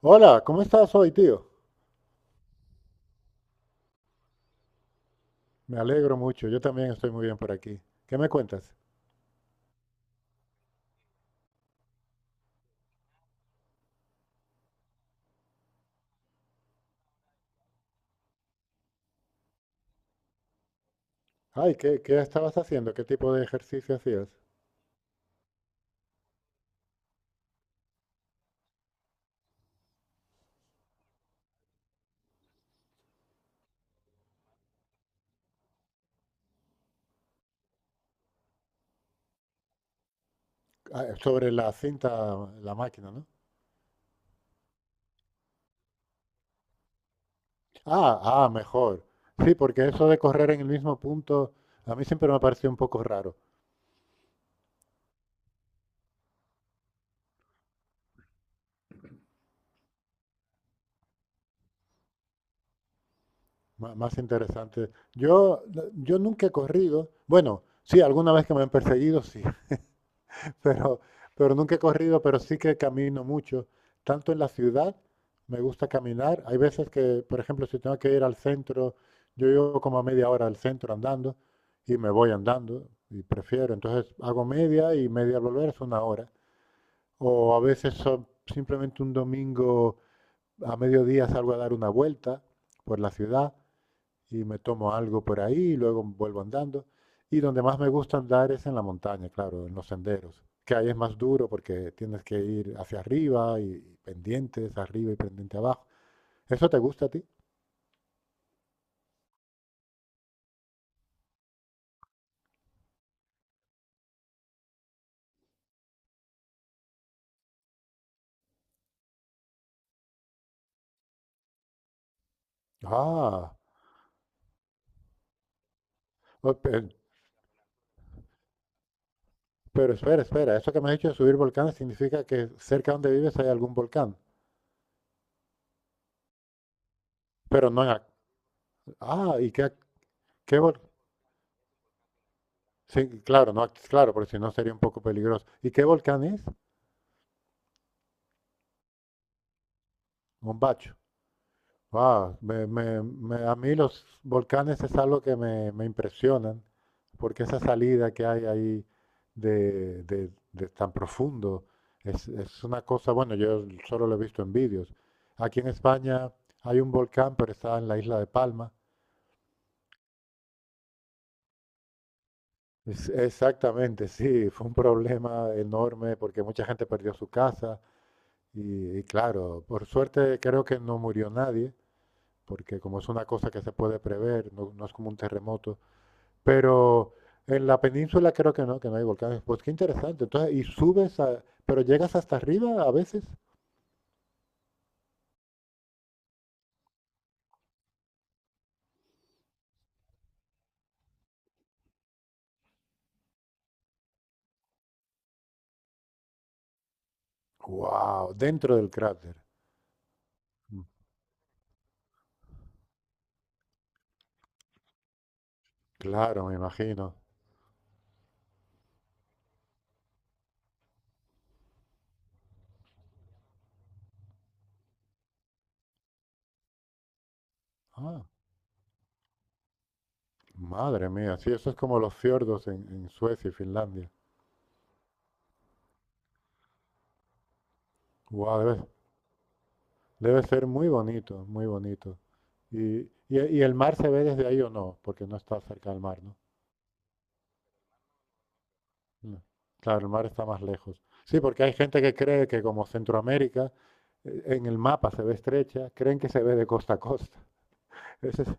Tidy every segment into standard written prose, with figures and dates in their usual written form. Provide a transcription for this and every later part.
Hola, ¿cómo estás hoy, tío? Me alegro mucho, yo también estoy muy bien por aquí. ¿Qué me cuentas? Ay, ¿qué estabas haciendo? ¿Qué tipo de ejercicio hacías? Ah, sobre la cinta, la máquina, ¿no? Ah, ah, mejor. Sí, porque eso de correr en el mismo punto a mí siempre me ha parecido un poco raro, más interesante. Yo nunca he corrido, bueno, sí, alguna vez que me han perseguido, sí, pero, pero nunca he corrido, pero sí que camino mucho, tanto en la ciudad, me gusta caminar. Hay veces que, por ejemplo, si tengo que ir al centro, yo llevo como a media hora al centro andando y me voy andando y prefiero. Entonces hago media y media al volver es una hora. O a veces son simplemente un domingo a mediodía salgo a dar una vuelta por la ciudad y me tomo algo por ahí y luego vuelvo andando. Y donde más me gusta andar es en la montaña, claro, en los senderos, que ahí es más duro porque tienes que ir hacia arriba y pendientes arriba y pendiente abajo. ¿Eso te gusta a ti? Ah, o- pe- pero espera, espera, eso que me has dicho de subir volcanes significa que cerca donde vives hay algún volcán, pero no en... Ah, ¿y qué, qué Sí, claro, no, claro, porque si no sería un poco peligroso. ¿Y qué volcán es? Mombacho. Ah, a mí los volcanes es algo que me impresionan, porque esa salida que hay ahí de, de tan profundo es una cosa, bueno, yo solo lo he visto en vídeos. Aquí en España hay un volcán, pero está en la isla de Palma. Es- exactamente, sí, fue un problema enorme porque mucha gente perdió su casa y claro, por suerte creo que no murió nadie, porque como es una cosa que se puede prever, no es como un terremoto. Pero en la península creo que no hay volcanes. Pues qué interesante. Entonces, y subes a, pero llegas hasta arriba a veces. Wow, dentro del cráter. Mm, claro, me imagino. Ah, madre mía, sí, eso es como los fiordos en Suecia y Finlandia. Wow, debe, debe ser muy bonito, muy bonito. Y el mar se ve desde ahí o no, porque no está cerca del mar, ¿no? Mm. Claro, el mar está más lejos. Sí, porque hay gente que cree que como Centroamérica, en el mapa se ve estrecha, creen que se ve de costa a costa. Ese es-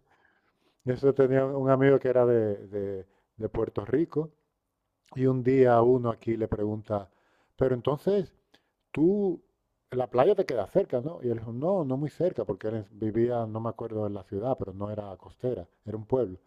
eso tenía un amigo que era de, de Puerto Rico y un día uno aquí le pregunta, pero entonces tú, la playa te queda cerca, ¿no? Y él dijo, no, no muy cerca, porque él vivía, no me acuerdo de la ciudad, pero no era costera, era un pueblo.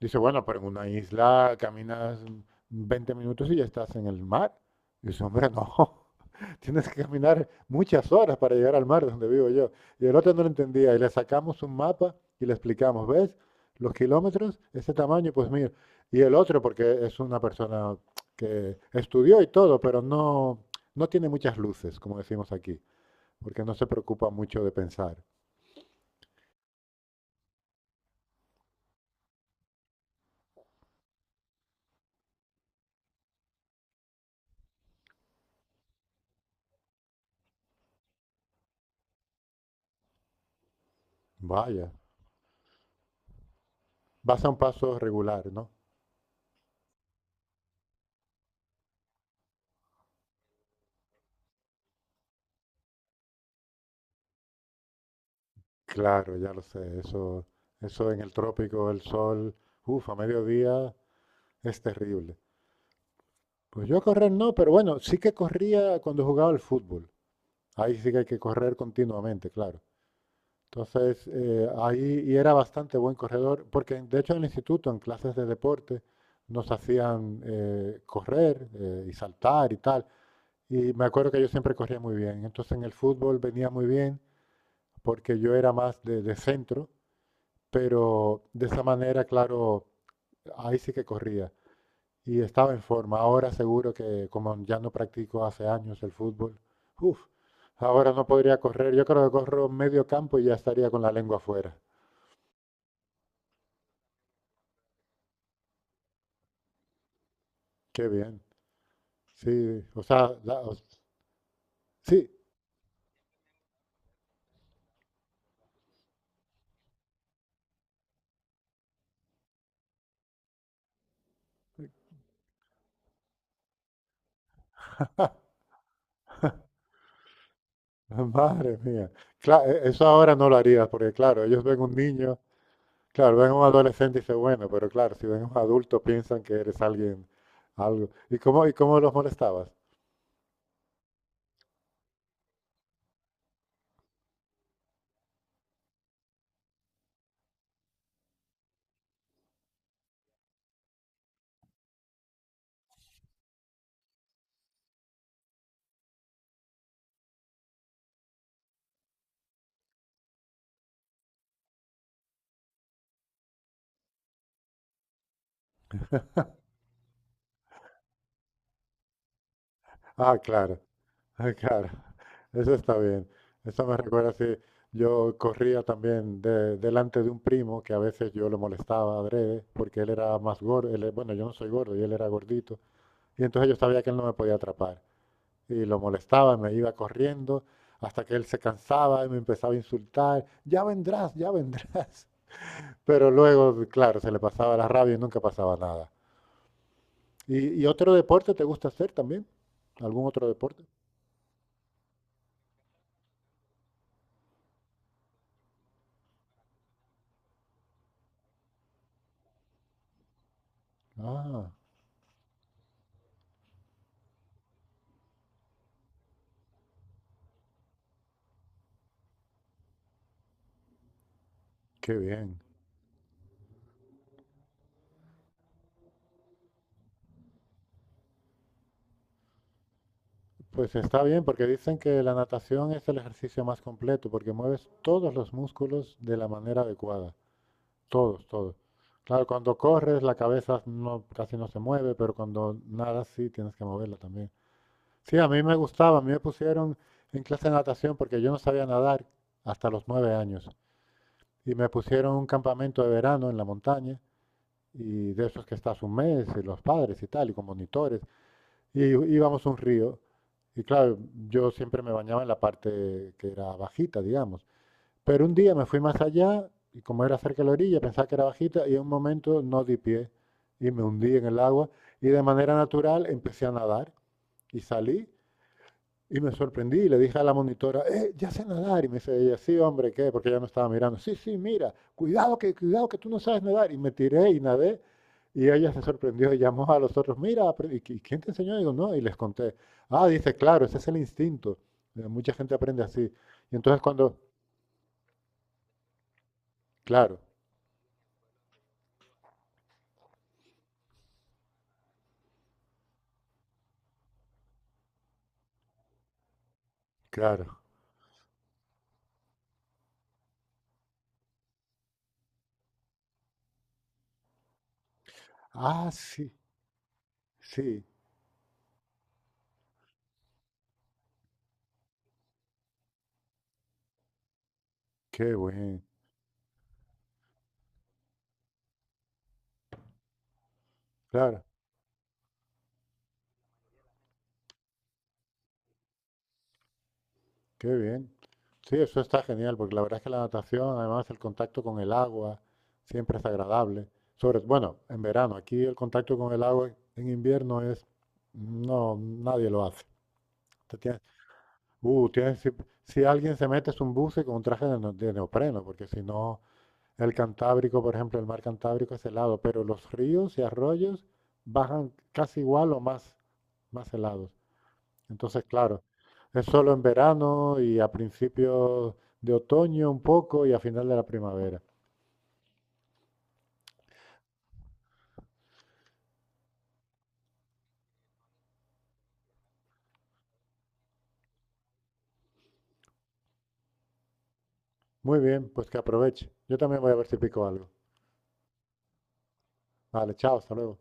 Dice, bueno, pero en una isla caminas 20 minutos y ya estás en el mar. Y dice, hombre, no, tienes que caminar muchas horas para llegar al mar de donde vivo yo. Y el otro no lo entendía y le sacamos un mapa y le explicamos, ¿ves? Los kilómetros, ese tamaño, pues mira. Y el otro, porque es una persona que estudió y todo, pero no, no tiene muchas luces, como decimos aquí, porque no se preocupa mucho de pensar. Vaya, vas a un paso regular, ¿no? Claro, ya lo sé. Eso en el trópico, el sol, uff, a mediodía es terrible. Pues yo correr no, pero bueno, sí que corría cuando jugaba al fútbol. Ahí sí que hay que correr continuamente, claro. Entonces, ahí y era bastante buen corredor, porque de hecho en el instituto, en clases de deporte, nos hacían correr y saltar y tal. Y me acuerdo que yo siempre corría muy bien. Entonces en el fútbol venía muy bien porque yo era más de centro. Pero de esa manera, claro, ahí sí que corría y estaba en forma. Ahora seguro que como ya no practico hace años el fútbol, uf, ahora no podría correr. Yo creo que corro medio campo y ya estaría con la lengua afuera. Qué bien. Sí, o sea, sí, madre mía. Claro, eso ahora no lo harías porque claro, ellos ven un niño, claro, ven un adolescente y dicen, bueno, pero claro, si ven un adulto piensan que eres alguien, algo. Y cómo los molestabas? Ah, claro. Ah, claro, eso está bien. Eso me recuerda si yo corría también delante de un primo que a veces yo lo molestaba adrede porque él era más gordo. Él bueno, yo no soy gordo y él era gordito. Y entonces yo sabía que él no me podía atrapar. Y lo molestaba, me iba corriendo hasta que él se cansaba y me empezaba a insultar. Ya vendrás, ya vendrás. Pero luego, claro, se le pasaba la rabia y nunca pasaba nada. Y otro deporte te gusta hacer también? ¿Algún otro deporte? Ah, qué bien. Pues está bien, porque dicen que la natación es el ejercicio más completo, porque mueves todos los músculos de la manera adecuada. Todos, todos. Claro, cuando corres la cabeza no, casi no se mueve, pero cuando nadas sí tienes que moverla también. Sí, a mí me gustaba, a mí me pusieron en clase de natación porque yo no sabía nadar hasta los 9 años. Y me pusieron un campamento de verano en la montaña, y de esos que estás un mes, y los padres y tal, y con monitores. Y íbamos a un río. Y claro, yo siempre me bañaba en la parte que era bajita, digamos. Pero un día me fui más allá y como era cerca de la orilla, pensaba que era bajita y en un momento no di pie y me hundí en el agua y de manera natural empecé a nadar y salí y me sorprendí y le dije a la monitora, ya sé nadar. Y me dice ella, sí, hombre, ¿qué? Porque ella no estaba mirando. Sí, sí, mira, cuidado que tú no sabes nadar. Y me tiré y nadé. Y ella se sorprendió y llamó a los otros, mira, ¿y quién te enseñó? Y digo, no, y les conté. Ah, dice, claro, ese es el instinto. Mucha gente aprende así. Y entonces cuando, claro, claro. Ah, sí, sí, qué bueno, claro. Qué bien. Sí, eso está genial, porque la verdad es que la natación, además, el contacto con el agua siempre es agradable. Sobre, bueno, en verano, aquí el contacto con el agua en invierno es, no, nadie lo hace. Te tienes- tienes- si, si alguien se mete es un buce con un traje de, de neopreno, porque si no, el Cantábrico, por ejemplo, el mar Cantábrico es helado, pero los ríos y arroyos bajan casi igual o más, más helados. Entonces, claro, es solo en verano y a principios de otoño un poco y a final de la primavera. Muy bien, pues que aproveche. Yo también voy a ver si pico algo. Vale, chao, hasta luego.